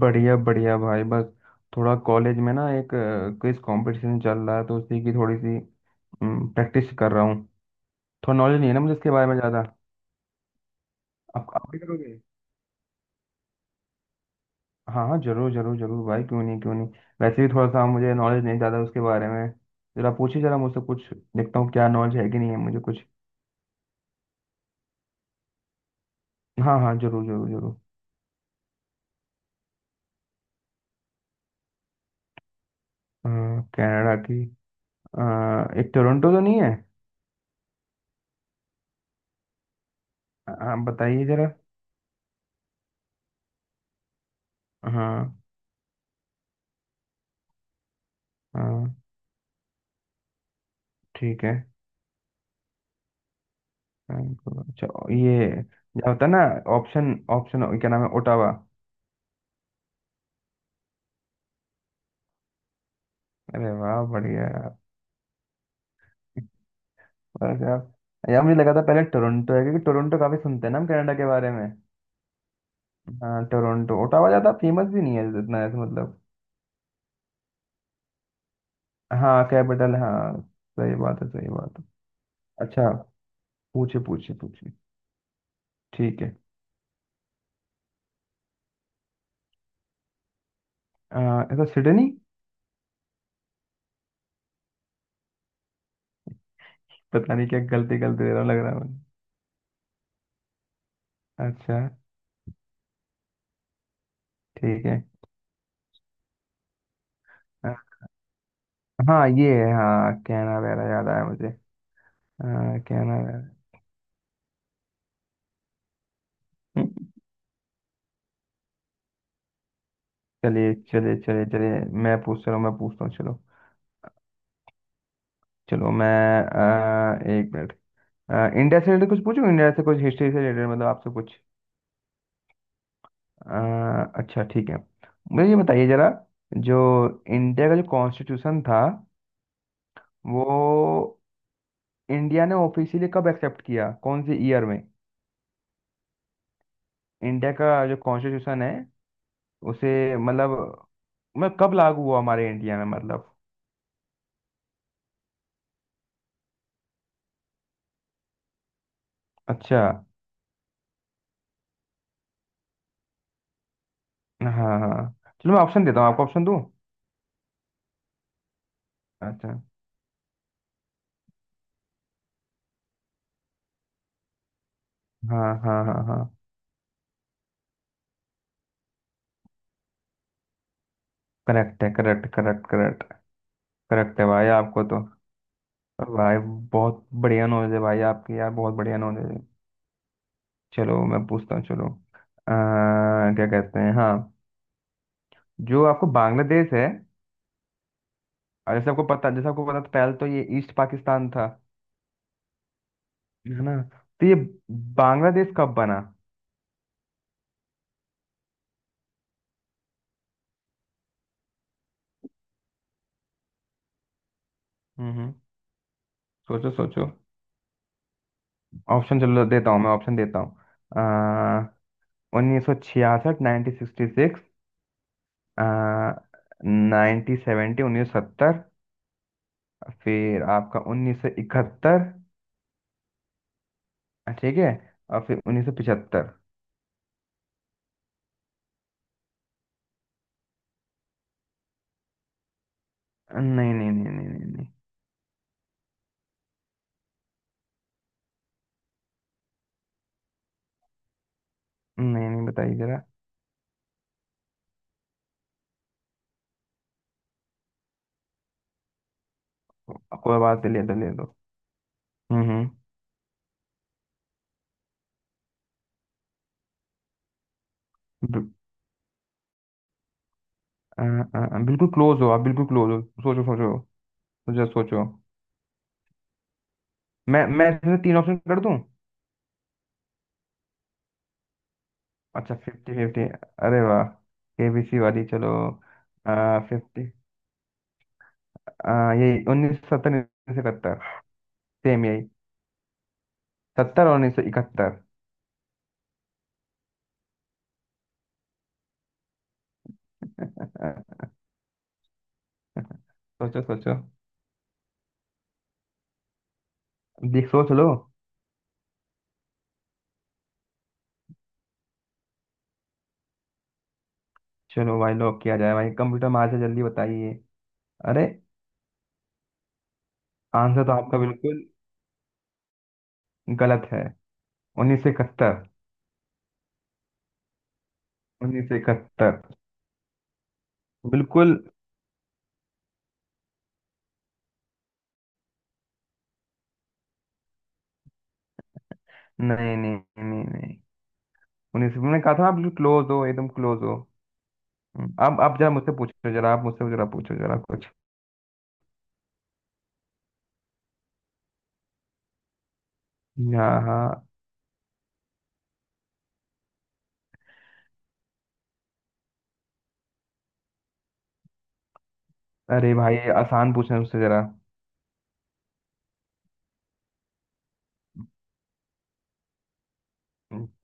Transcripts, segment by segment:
बढ़िया बढ़िया भाई, बस थोड़ा कॉलेज में ना एक क्विज कंपटीशन चल रहा है, तो उसी की थोड़ी सी प्रैक्टिस कर रहा हूँ। थोड़ा नॉलेज नहीं है ना मुझे इसके बारे में ज़्यादा। आप भी करोगे? हाँ हाँ जरूर जरूर जरूर भाई, क्यों नहीं, क्यों नहीं। वैसे भी थोड़ा सा मुझे नॉलेज नहीं ज़्यादा उसके बारे में। जरा पूछिए जरा मुझसे कुछ। देखता हूँ क्या नॉलेज है कि नहीं है मुझे कुछ। हाँ हाँ जरूर जरूर जरूर। अ, कनाडा की अ, एक टोरंटो तो नहीं है? आप बताइए जरा। हाँ। हाँ। ठीक है। फ्रैंकफर्ट, अच्छा। ये क्या होता है ना, ऑप्शन ऑप्शन क्या नाम है, ओटावा। अरे वाह, बढ़िया यार। बस यार यार, मुझे लगा था पहले टोरंटो है, क्योंकि टोरंटो काफी सुनते हैं ना हम कनाडा के बारे में। हाँ, टोरंटो, ओटावा ज्यादा फेमस भी नहीं है इतना, ऐसे, मतलब। हाँ कैपिटल, हाँ। सही बात है, सही बात है। अच्छा। पूछे पूछे पूछे। ठीक है। आ, ऐसा, सिडनी। पता नहीं क्या गलती गलती दे रहा हूँ, लग रहा है मुझे। अच्छा, ठीक है। अ, हाँ ये है, हाँ, कैनावेरा याद आया मुझे। कैनावेरा। चलिए चलिए चलिए चलिए। मैं पूछ रहा हूँ, मैं पूछता हूँ, चलो। चलो मैं, एक मिनट। अ, इंडिया से रिलेटेड कुछ पूछूं, इंडिया से कुछ हिस्ट्री से रिलेटेड, मतलब आपसे कुछ। अच्छा, ठीक है। मुझे ये बताइए जरा, जो इंडिया का जो कॉन्स्टिट्यूशन था वो इंडिया ने ऑफिशियली कब एक्सेप्ट किया, कौन से ईयर में? इंडिया का जो कॉन्स्टिट्यूशन है उसे, मतलब, मतलब कब लागू हुआ हमारे इंडिया में, मतलब। अच्छा। हाँ हाँ हाँ। चलो मैं ऑप्शन देता हूँ आपको, ऑप्शन दूँ? अच्छा। हाँ हाँ हाँ हाँ। करेक्ट है, करेक्ट, करेक्ट, करेक्ट। करेक्ट है भाई आपको तो। भाई, बहुत बढ़िया नॉलेज है भाई आपकी यार, बहुत बढ़िया नॉलेज है। चलो मैं पूछता हूँ, चलो। क्या कहते हैं, हाँ, जो आपको बांग्लादेश है, और जैसे आपको पता था, पहले तो ये ईस्ट पाकिस्तान था, है ना? तो ये बांग्लादेश कब बना? हम्म, हम्म। सोचो सोचो। ऑप्शन चलो देता हूँ, मैं ऑप्शन देता हूँ। 1966, 1966, 1970, 1970, फिर आपका 1971। ठीक है। और फिर 1975। नहीं नहीं नहीं नहीं नहीं। नहीं नहीं नहीं, बताइए जरा। कोई बात नहीं, ले दो ले दो। हम्म, हम्म। बि- अ, अ, अ, बिल्कुल क्लोज हो आप, बिल्कुल क्लोज हो, सोचो सोचो। सोचो सोचो। मैं इसमें तीन ऑप्शन कर दूं? अच्छा, फिफ्टी फिफ्टी। अरे वाह, केबीसी वाली, चलो। फिफ्टी, यही 1970, 1971, सेम यही सत्तर और 1971। सोचो सोचो। देख, सोच लो। चलो भाई, लॉक किया जाए भाई, कंप्यूटर महाराज जल्दी बताइए। अरे, आंसर तो आपका बिल्कुल गलत है, 1971। 1971। बिल्कुल। नहीं नहीं। नहीं नहीं। उन्नीस, मैंने कहा था, आप बिल्कुल क्लोज हो, एकदम क्लोज हो। अब आप जरा मुझसे पूछो, जरा आप मुझसे जरा पूछो जरा कुछ। हाँ हाँ। अरे भाई आसान पूछना मुझसे जरा।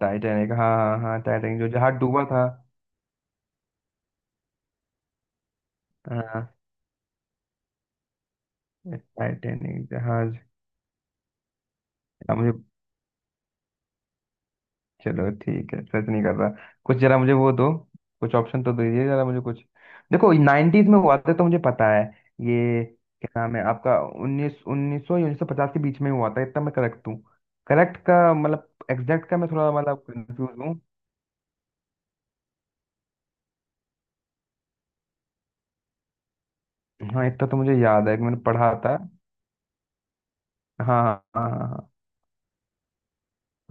टाइटैनिक, हाँ। हाँ हाँ, टाइटैनिक जो जहाज डूबा था। हाँ। टाइटैनिक जहाज। अब मुझे, चलो ठीक है, सर्च नहीं कर रहा कुछ। जरा मुझे वो दो, कुछ ऑप्शन तो दीजिए जरा मुझे कुछ। देखो नाइन्टीज में हुआ था, तो मुझे पता है ये। क्या नाम है आपका, उन्नीस, उन्नीस सौ या 1950 के बीच में हुआ था इतना मैं करेक्ट हूँ। करेक्ट का मतलब एग्जैक्ट का मैं थोड़ा मतलब कंफ्यूज हूँ। हाँ इतना तो मुझे याद है कि मैंने पढ़ा था। हाँ। हाँ हाँ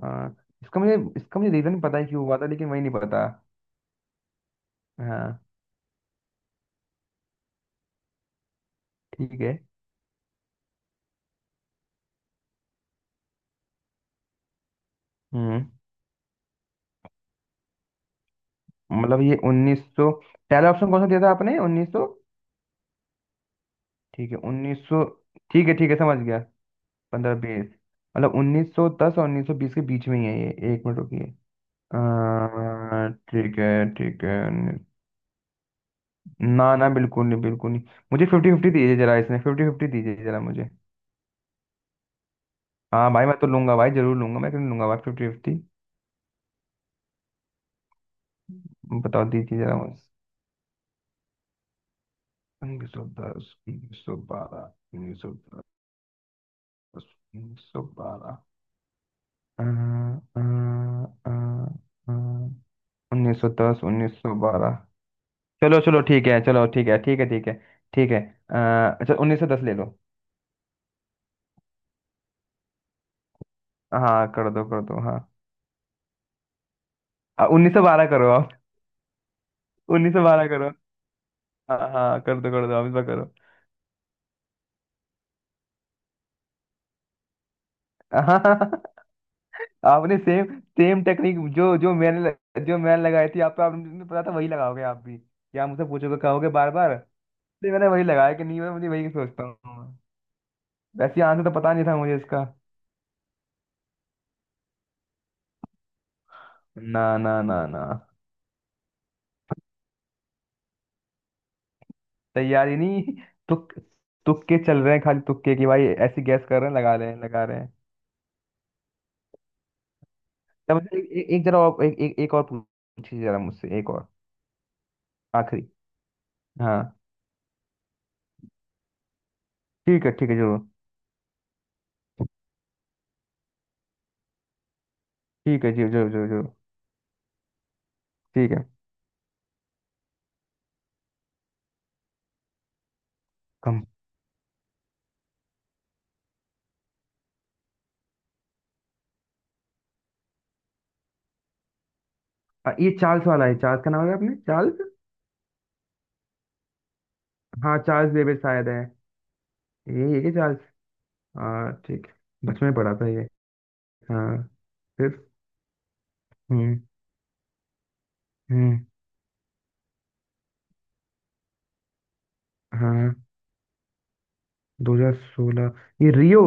हाँ हाँ। इसका मुझे रीजन पता है क्यों हुआ था, लेकिन वही नहीं पता। हाँ। ठीक है। हम्म। मतलब ये उन्नीस सौ, पहला ऑप्शन कौन सा दिया था आपने? उन्नीस सौ, ठीक है। उन्नीस सौ, ठीक है, ठीक है समझ गया। 15, 20, मतलब 1910 और 1920 के बीच में ही है ये। एक मिनट रुकिए। ठीक है, ठीक है। ना ना, बिल्कुल नहीं, बिल्कुल नहीं। मुझे फिफ्टी फिफ्टी दीजिए जरा, इसमें फिफ्टी फिफ्टी दीजिए जरा मुझे। हाँ भाई मैं तो लूंगा भाई, जरूर लूंगा, मैं क्यों नहीं लूंगा भाई फिफ्टी फिफ्टी। बताओ, दीजिए जरा मुझे 1910, 1912, 1910, उन्नीस सौ बारह, उन्नीस सौ दस, उन्नीस सौ बारह। चलो चलो ठीक है, चलो ठीक है, ठीक है, ठीक है। ठीक है। अच्छा, 1910 ले लो। हाँ कर दो कर दो, हाँ। 1912 करो आप। 1912 करो। हाँ हाँ, कर दो कर दो, आप इस बार करो। हाँ। आपने सेम, सेम टेक्निक जो जो मैंने ल- जो मैंने लगाई थी आप पे, आपने पता था वही लगाओगे आप भी, या मुझसे पूछोगे, कहोगे बार बार। इसलिए मैंने वही लगाया, कि नहीं मैं मुझे वही सोचता हूँ। वैसे आंसर तो पता नहीं था मुझे इसका। ना ना ना ना। तैयारी नहीं, तुक तुक्के चल रहे हैं खाली, तुक्के की भाई, ऐसी गैस कर रहे हैं, लगा रहे हैं लगा रहे हैं। तो मतलब एक, एक, एक जरा और, एक, एक, एक और पूछिए जरा मुझसे एक और। आखिरी, हाँ। ठीक है, ठीक है जरूर। ठीक है जी, जरूर जरूर जरूर। ठीक है। कम। ये चार्ल्स वाला है, चार्ल्स का नाम है, आपने चार्ल्स। हाँ, चार्ल्स बेबेज शायद है। यही है क्या, चार्ल्स? हाँ, ठीक है। बचपन में पढ़ा था ये। हाँ। फिर। हम्म, हम्म। हाँ। 2016, ये रियो।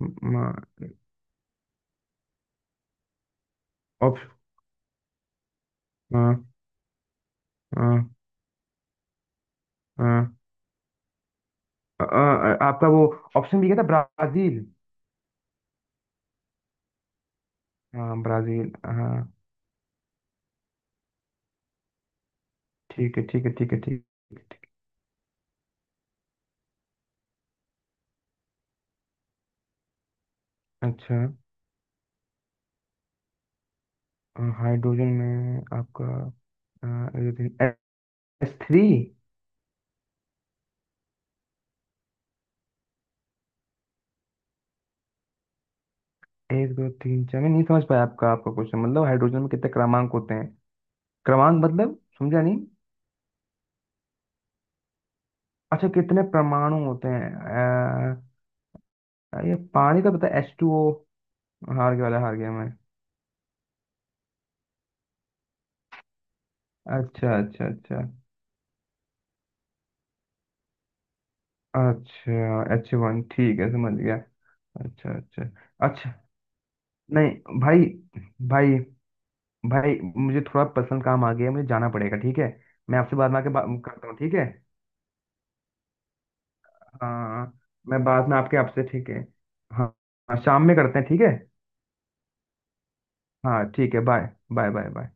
म- म- ऑप्श हाँ। हाँ। हाँ। आपका वो ऑप्शन भी क्या था, ब्राजील? हाँ, ब्राजील, हाँ। ठीक है, ठीक है, ठीक है, ठीक है, ठीक है। अच्छा। हाइड्रोजन में आपका S3। एक दो तीन चार, मैं नहीं समझ पाया आपका, आपका क्वेश्चन, मतलब हाइड्रोजन में कितने क्रमांक होते हैं? क्रमांक मतलब समझा नहीं। अच्छा, कितने परमाणु होते हैं। ये पानी का पता, H2O। हार गया वाला, हार गया मैं। अच्छा अच्छा अच्छा। अच्छा, H1, ठीक है समझ गया। अच्छा अच्छा अच्छा। नहीं भाई, भाई, भाई मुझे थोड़ा पर्सनल काम आ गया है, मुझे जाना पड़ेगा, ठीक है। मैं आपसे बाद में आके बात करता हूँ, ठीक है। हाँ। मैं बाद में आपके आपसे, ठीक है। हाँ। हाँ, शाम में करते हैं, ठीक है। हाँ ठीक है, बाय। Bye bye bye.